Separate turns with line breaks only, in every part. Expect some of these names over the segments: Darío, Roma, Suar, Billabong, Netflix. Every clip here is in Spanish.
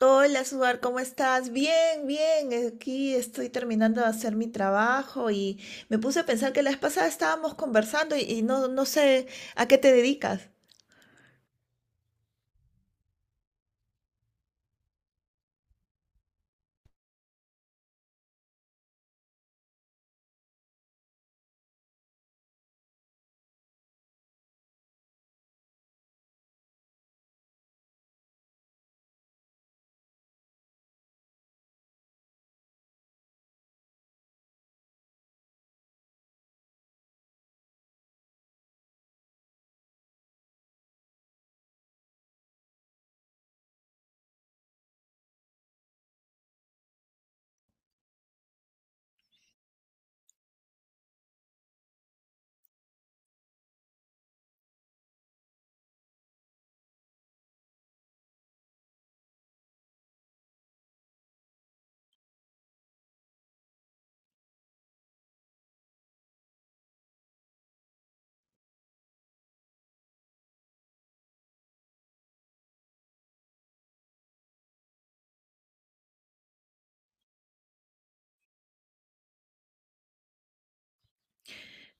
Hola, Suar, ¿cómo estás? Bien, bien. Aquí estoy terminando de hacer mi trabajo y me puse a pensar que la vez pasada estábamos conversando y no sé a qué te dedicas.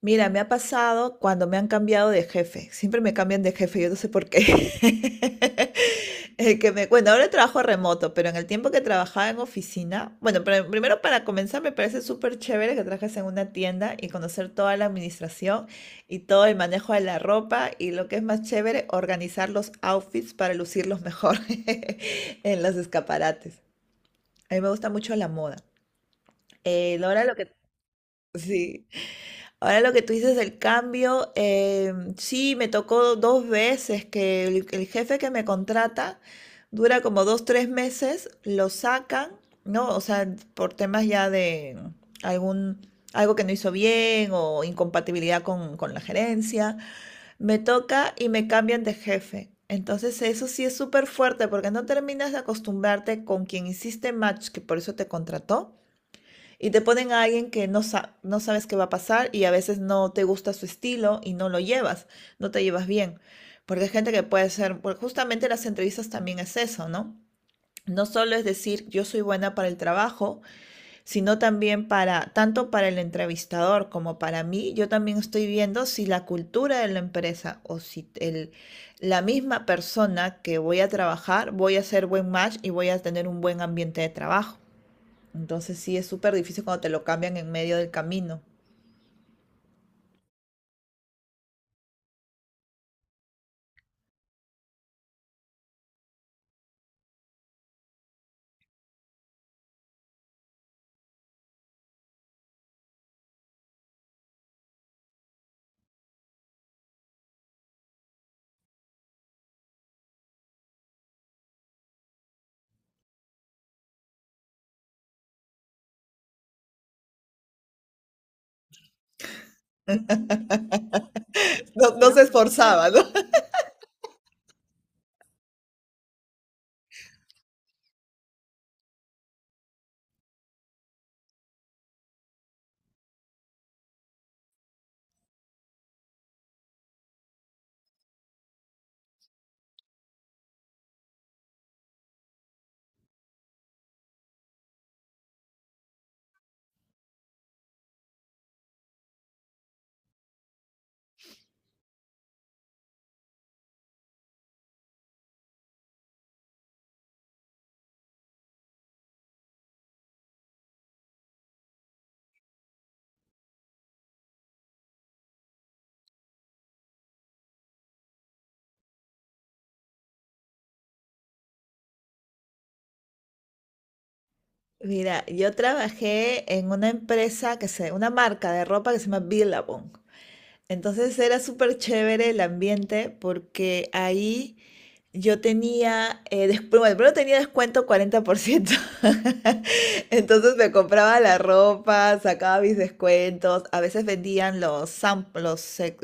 Mira, me ha pasado cuando me han cambiado de jefe. Siempre me cambian de jefe, yo no sé por qué. El que me, bueno, ahora trabajo remoto, pero en el tiempo que trabajaba en oficina, bueno, pero primero para comenzar me parece súper chévere que trabajes en una tienda y conocer toda la administración y todo el manejo de la ropa y lo que es más chévere, organizar los outfits para lucirlos mejor en los escaparates. A mí me gusta mucho la moda. Ahora lo que... Sí. Ahora lo que tú dices del cambio, sí, me tocó dos veces que el jefe que me contrata dura como dos, tres meses, lo sacan, ¿no? O sea, por temas ya de algún, algo que no hizo bien o incompatibilidad con la gerencia, me toca y me cambian de jefe. Entonces eso sí es súper fuerte porque no terminas de acostumbrarte con quien hiciste match, que por eso te contrató y te ponen a alguien que no, no sabes qué va a pasar y a veces no te gusta su estilo y no lo llevas, no te llevas bien. Porque hay gente que puede ser, porque justamente las entrevistas también es eso, ¿no? No solo es decir yo soy buena para el trabajo, sino también para, tanto para el entrevistador como para mí, yo también estoy viendo si la cultura de la empresa o si el, la misma persona que voy a trabajar, voy a hacer buen match y voy a tener un buen ambiente de trabajo. Entonces sí es súper difícil cuando te lo cambian en medio del camino. No, no se esforzaba, ¿no? Mira, yo trabajé en una empresa que se, una marca de ropa que se llama Billabong. Entonces era súper chévere el ambiente porque ahí yo tenía, después, bueno, primero tenía descuento 40%. Entonces me compraba la ropa, sacaba mis descuentos. A veces vendían los samples,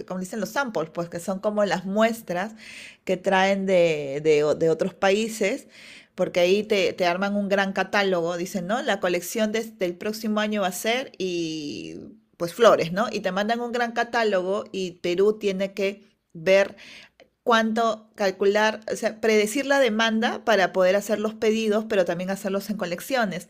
como dicen los samples, pues que son como las muestras que traen de otros países, porque ahí te arman un gran catálogo. Dicen, ¿no? La colección del próximo año va a ser y pues flores, ¿no? Y te mandan un gran catálogo y Perú tiene que ver cuánto calcular, o sea, predecir la demanda para poder hacer los pedidos, pero también hacerlos en colecciones.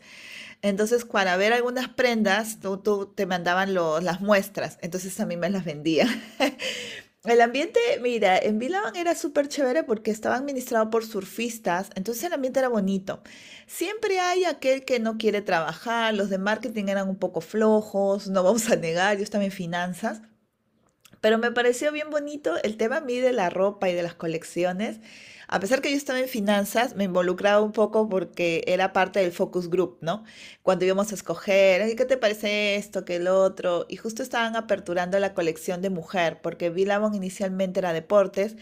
Entonces, para ver algunas prendas, tú te mandaban las muestras, entonces a mí me las vendía. El ambiente, mira, en Vilaban era súper chévere porque estaba administrado por surfistas, entonces el ambiente era bonito. Siempre hay aquel que no quiere trabajar, los de marketing eran un poco flojos, no vamos a negar, yo estaba en finanzas. Pero me pareció bien bonito el tema a mí de la ropa y de las colecciones. A pesar que yo estaba en finanzas, me involucraba un poco porque era parte del focus group, ¿no? Cuando íbamos a escoger, "Ay, ¿qué te parece esto, qué el otro?". Y justo estaban aperturando la colección de mujer, porque Billabong inicialmente era deportes,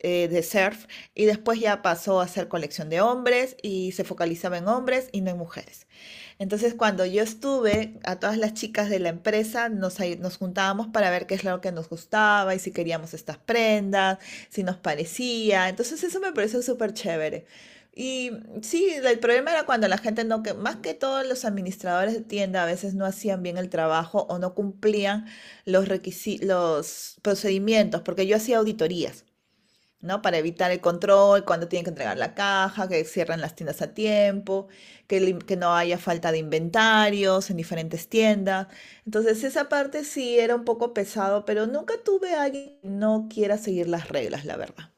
de surf, y después ya pasó a ser colección de hombres y se focalizaba en hombres y no en mujeres. Entonces, cuando yo estuve, a todas las chicas de la empresa nos juntábamos para ver qué es lo que nos gustaba y si queríamos estas prendas, si nos parecía. Entonces, eso me pareció súper chévere. Y sí, el problema era cuando la gente no, que más que todos los administradores de tienda a veces no hacían bien el trabajo o no cumplían los requisitos, los procedimientos, porque yo hacía auditorías. ¿No? Para evitar el control, cuando tienen que entregar la caja, que cierren las tiendas a tiempo, que, que no haya falta de inventarios en diferentes tiendas. Entonces, esa parte sí era un poco pesado, pero nunca tuve a alguien que no quiera seguir las reglas, la verdad.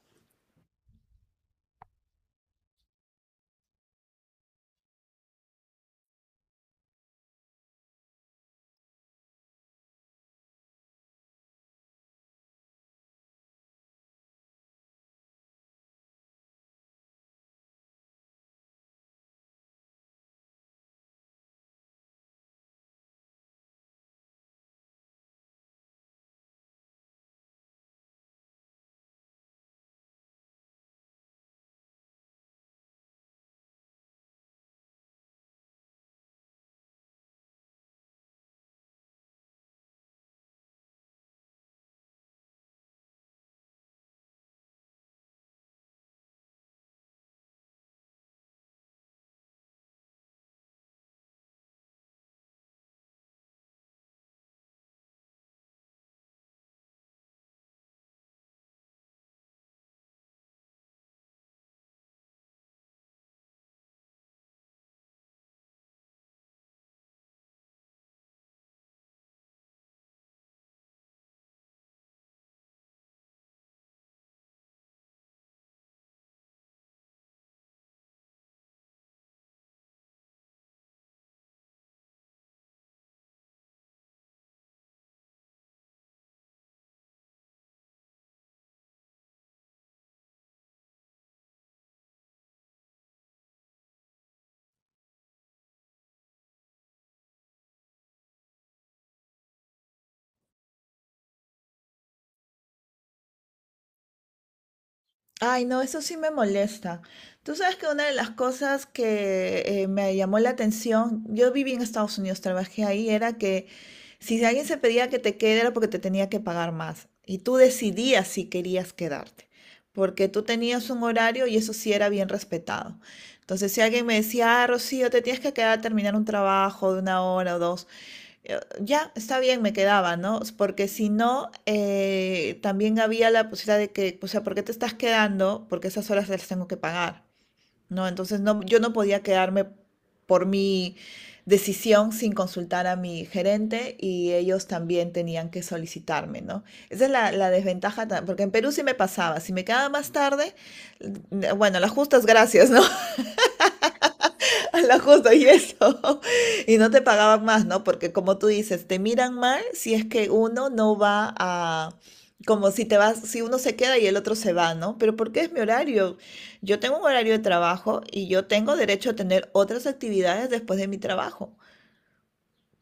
Ay, no, eso sí me molesta. Tú sabes que una de las cosas que me llamó la atención, yo viví en Estados Unidos, trabajé ahí, era que si alguien se pedía que te quede era porque te tenía que pagar más y tú decidías si querías quedarte, porque tú tenías un horario y eso sí era bien respetado. Entonces, si alguien me decía, ah, Rocío, te tienes que quedar a terminar un trabajo de una hora o dos, ya, está bien, me quedaba, ¿no? Porque si no, también había la posibilidad de que, o sea, ¿por qué te estás quedando? Porque esas horas las tengo que pagar, ¿no? Entonces no, yo no podía quedarme por mi decisión sin consultar a mi gerente y ellos también tenían que solicitarme, ¿no? Esa es la desventaja, porque en Perú sí me pasaba, si me quedaba más tarde, bueno, las justas gracias, ¿no? A la justo, y eso. Y no te pagaban más, ¿no? Porque como tú dices, te miran mal si es que uno no va a, como si te vas, si uno se queda y el otro se va, ¿no? Pero porque es mi horario. Yo tengo un horario de trabajo y yo tengo derecho a tener otras actividades después de mi trabajo.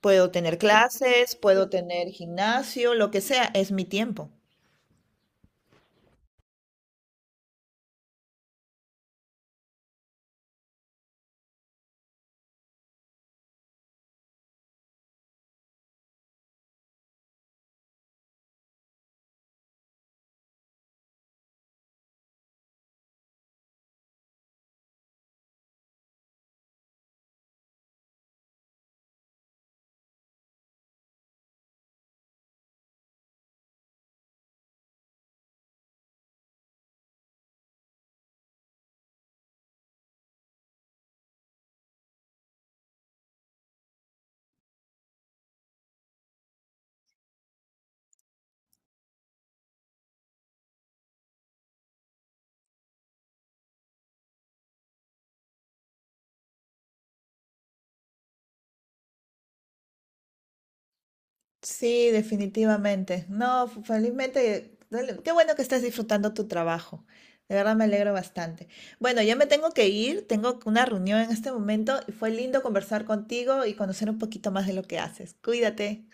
Puedo tener clases, puedo tener gimnasio, lo que sea, es mi tiempo. Sí, definitivamente. No, felizmente, qué bueno que estés disfrutando tu trabajo. De verdad me alegro bastante. Bueno, yo me tengo que ir, tengo una reunión en este momento y fue lindo conversar contigo y conocer un poquito más de lo que haces. Cuídate.